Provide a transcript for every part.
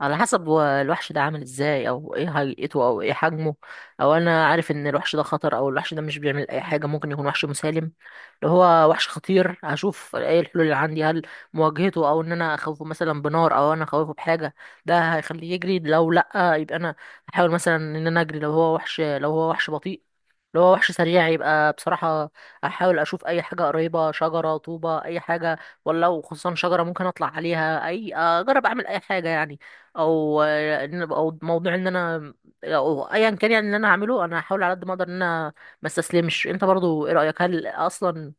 على حسب هو الوحش ده عامل ازاي، او ايه هيئته، او ايه حجمه. او انا عارف ان الوحش ده خطر، او الوحش ده مش بيعمل اي حاجه، ممكن يكون وحش مسالم. لو هو وحش خطير، هشوف ايه الحلول اللي عندي. هل مواجهته، او ان انا اخوفه مثلا بنار، او انا اخوفه بحاجه ده هيخليه يجري. لو لا، يبقى انا احاول مثلا ان انا اجري. لو هو وحش بطيء. لو هو وحش سريع، يبقى بصراحة أحاول أشوف أي حاجة قريبة، شجرة، طوبة، أي حاجة. ولا خصوصا شجرة ممكن أطلع عليها، أي أجرب أعمل أي حاجة يعني. أو أو موضوع عندنا. أو أي مكان، يعني اللي أنا أعمله أنا حاول على هذا المدى إنه مسلا. مش أنت برضو، ايه رأيك؟ هل أصلاً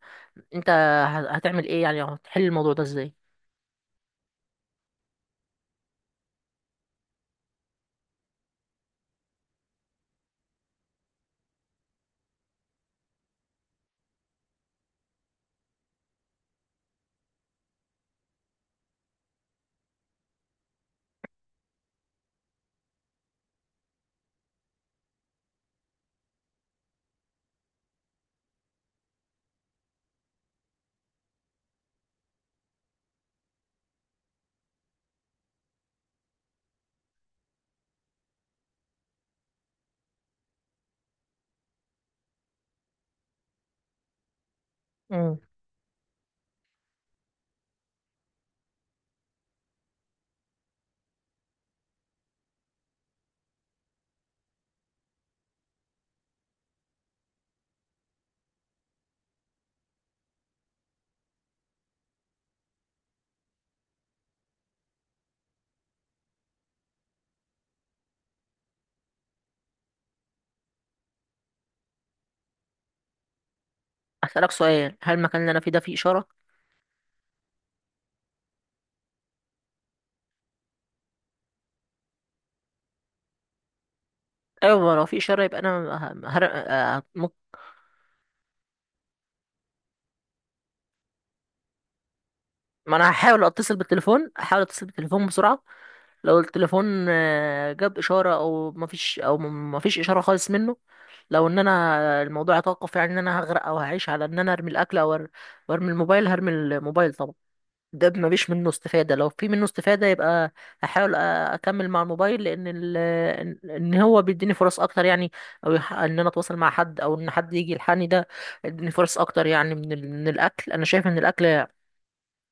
أنت هتعمل إيه يعني، تحل موضوع ده إزاي؟ أتلاقص إيه؟ هل مكان اللي أنا في ده في شراء؟ أيوة، وفي شراء، ب أنا ه- هر م أنا حاول أتصل بالtelephone بسرعة. لو التليفون جاب اشاره، او مفيش، او مفيش اشاره خالص منه. لو ان انا الموضوع يتوقف، يعني ان انا هغرق او هعيش على ان انا ارمي الاكل او وارمي الموبايل. هرمي الموبايل طبعا. ده مفيش منه استفاده. لو في منه استفاده، يبقى هحاول اكمل مع الموبايل، لان ال... ان إن هو بيديني فرص اكتر يعني، او ان انا اتواصل مع حد، او ان حد يجي يلحقني. ده اديني فرص اكتر يعني من الاكل. انا شايف ان الاكل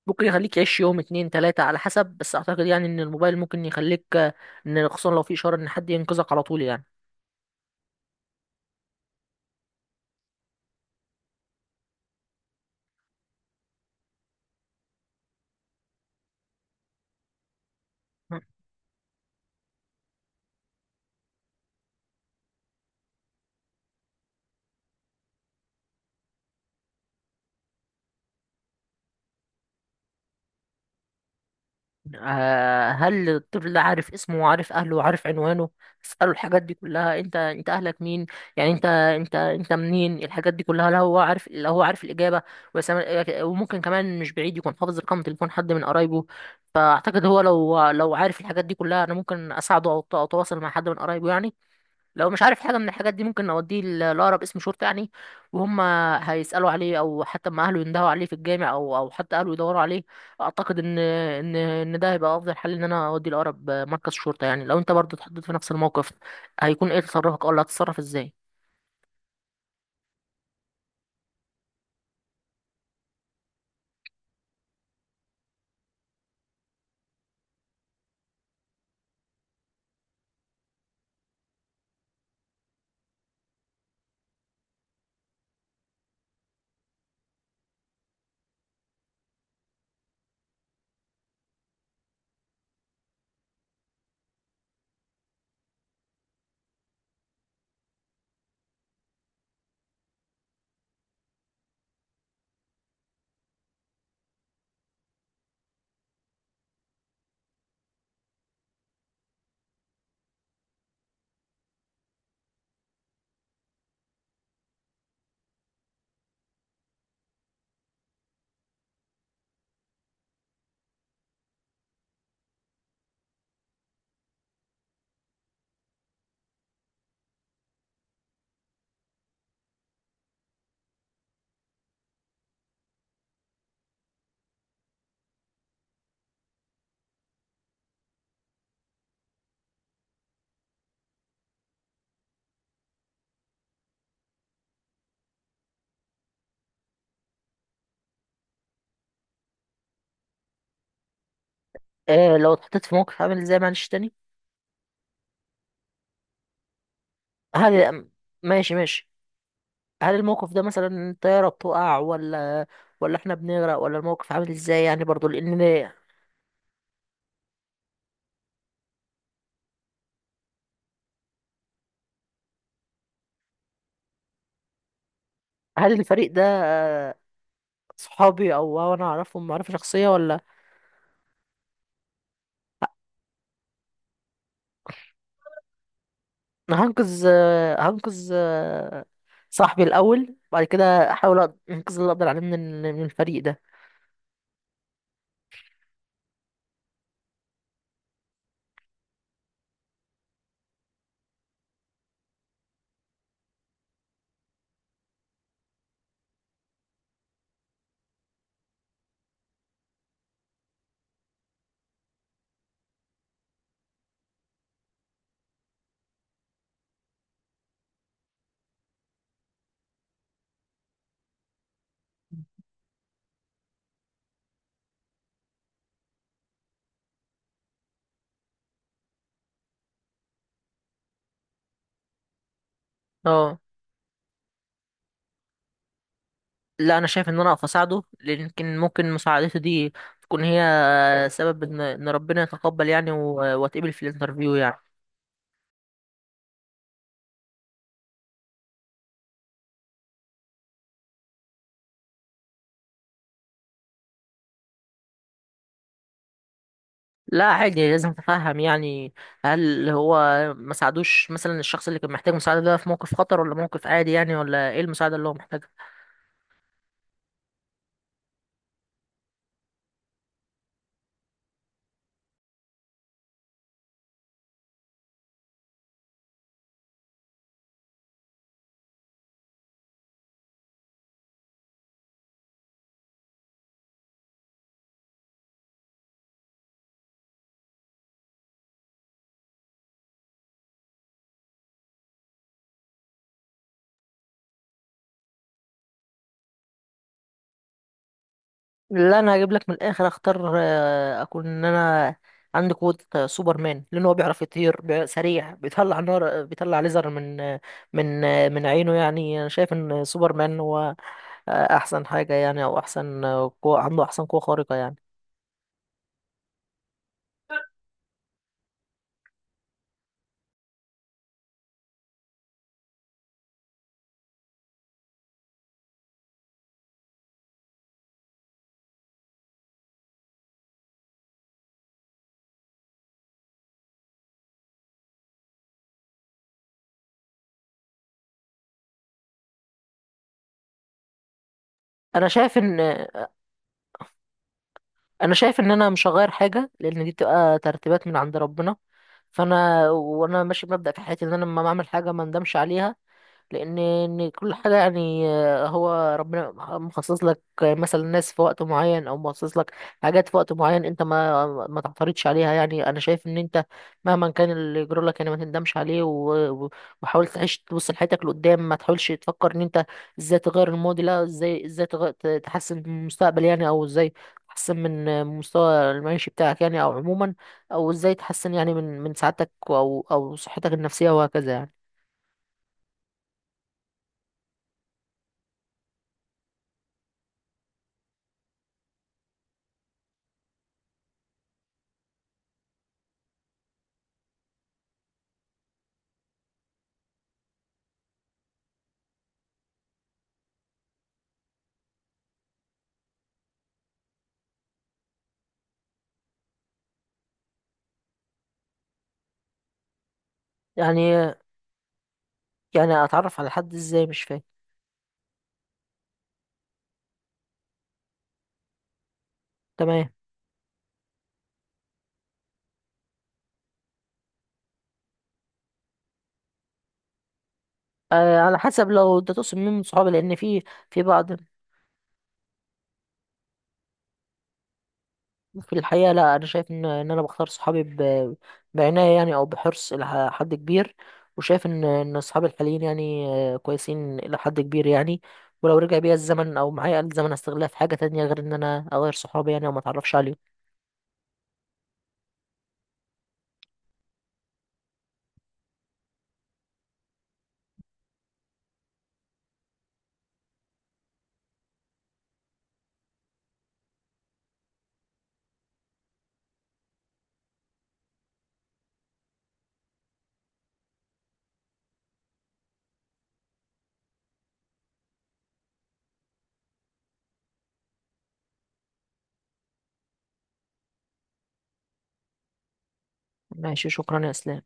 ممكن يخليك يعيش يوم، اتنين، تلاتة، على حسب. بس اعتقد يعني ان الموبايل ممكن يخليك ان خصوصا لو في اشارة، ان حد ينقذك على طول يعني. هل الطفل ده عارف اسمه، وعارف اهله، وعارف عنوانه. تسأله الحاجات دي كلها. انت اهلك مين؟ يعني انت منين؟ الحاجات دي كلها. لا هو عارف، لا هو عارف الاجابة. وسام- وممكن كمان مش بعيد يكون حافظ رقم تليفون حد من قرايبه. فاعتقد هو لو عارف الحاجات دي كلها، انا ممكن اساعده، او اتواصل مع حد من قرايبه يعني. لو مش عارف حاجة من الحاجات دي، ممكن نوديه لأقرب اسم شرطة يعني. وهم هيسألوا عليه، أو حتى ما أهله يندهوا عليه في الجامع، أو حتى أهله يدوروا عليه. أعتقد إن ده هيبقى أفضل حل، إن أنا أوديه لأقرب مركز شرطة يعني. لو أنت برضه اتحطيت في نفس الموقف، هيكون إيه تصرفك، ولا هتتصرف إزاي؟ آه، لو اتحطيت في موقف عامل إزاي، معلش تاني؟ هل ماشي ماشي. هل الموقف ده مثلا الطيارة بتقع، ولا إحنا بنغرق، ولا الموقف عامل إزاي يعني برضه؟ لأن هل الفريق ده صحابي، او انا اعرفهم معرفة شخصية، ولا؟ انا هنقذ صاحبي الاول. بعد كده احاول انقذ اللي اقدر عليه من من الفريق ده. اه، لا انا شايف ان انا اقف اساعده، لان يمكن ممكن مساعدته دي تكون هي سبب ان ربنا يتقبل يعني، واتقبل في الانترفيو يعني. لا عادي، لازم اتفهم يعني. هل هو ما ساعدوش مثلا الشخص اللي كان محتاج مساعدة ده في موقف خطر، ولا موقف عادي يعني، ولا ايه المساعدة اللي هو محتاجها؟ لا انا هجيب لك من الاخر. اختار اكون ان انا عندي قوه سوبرمان، لان هو بيعرف يطير سريع، بيطلع نار، بيطلع ليزر من عينه يعني. انا شايف ان سوبرمان هو احسن حاجه يعني، او احسن قوه عنده، احسن قوه خارقه يعني. انا شايف ان انا شايف ان انا مش هغير حاجه، لان دي بتبقى ترتيبات من عند ربنا. فانا وانا ماشي بمبدأ في حياتي، ان انا لما اعمل حاجه ما ندمش عليها. لان إن كل حاجه يعني هو ربنا مخصص لك مثلا ناس في وقت معين، او مخصص لك حاجات في وقت معين. انت ما تعترضش عليها يعني. انا شايف ان انت مهما كان اللي يجرى لك يعني، ما تندمش عليه. وحاول تعيش، تبص لحياتك لقدام، ما تحاولش تفكر ان انت ازاي تغير الماضي. لا، ازاي تحسن من المستقبل يعني، او ازاي تحسن من مستوى المعيشي بتاعك يعني، او عموما، او ازاي تحسن يعني من سعادتك، او صحتك النفسيه، وهكذا يعني. يعني يعني اتعرف على حد ازاي، مش فاهم. تمام. آه، على حسب لو ده تقصد مين من صحابي، لان في، في بعض. في الحقيقه، لا انا شايف ان انا بختار صحابي بعنايه يعني، او بحرص الى حد كبير. وشايف ان صحابي الحاليين يعني كويسين الى حد كبير يعني. ولو رجع بيا الزمن، او معايا آلة زمن، هستغلها في حاجه تانية غير ان انا اغير صحابي يعني، او ما اتعرفش عليهم. ماشي، شكرا يا اسلام.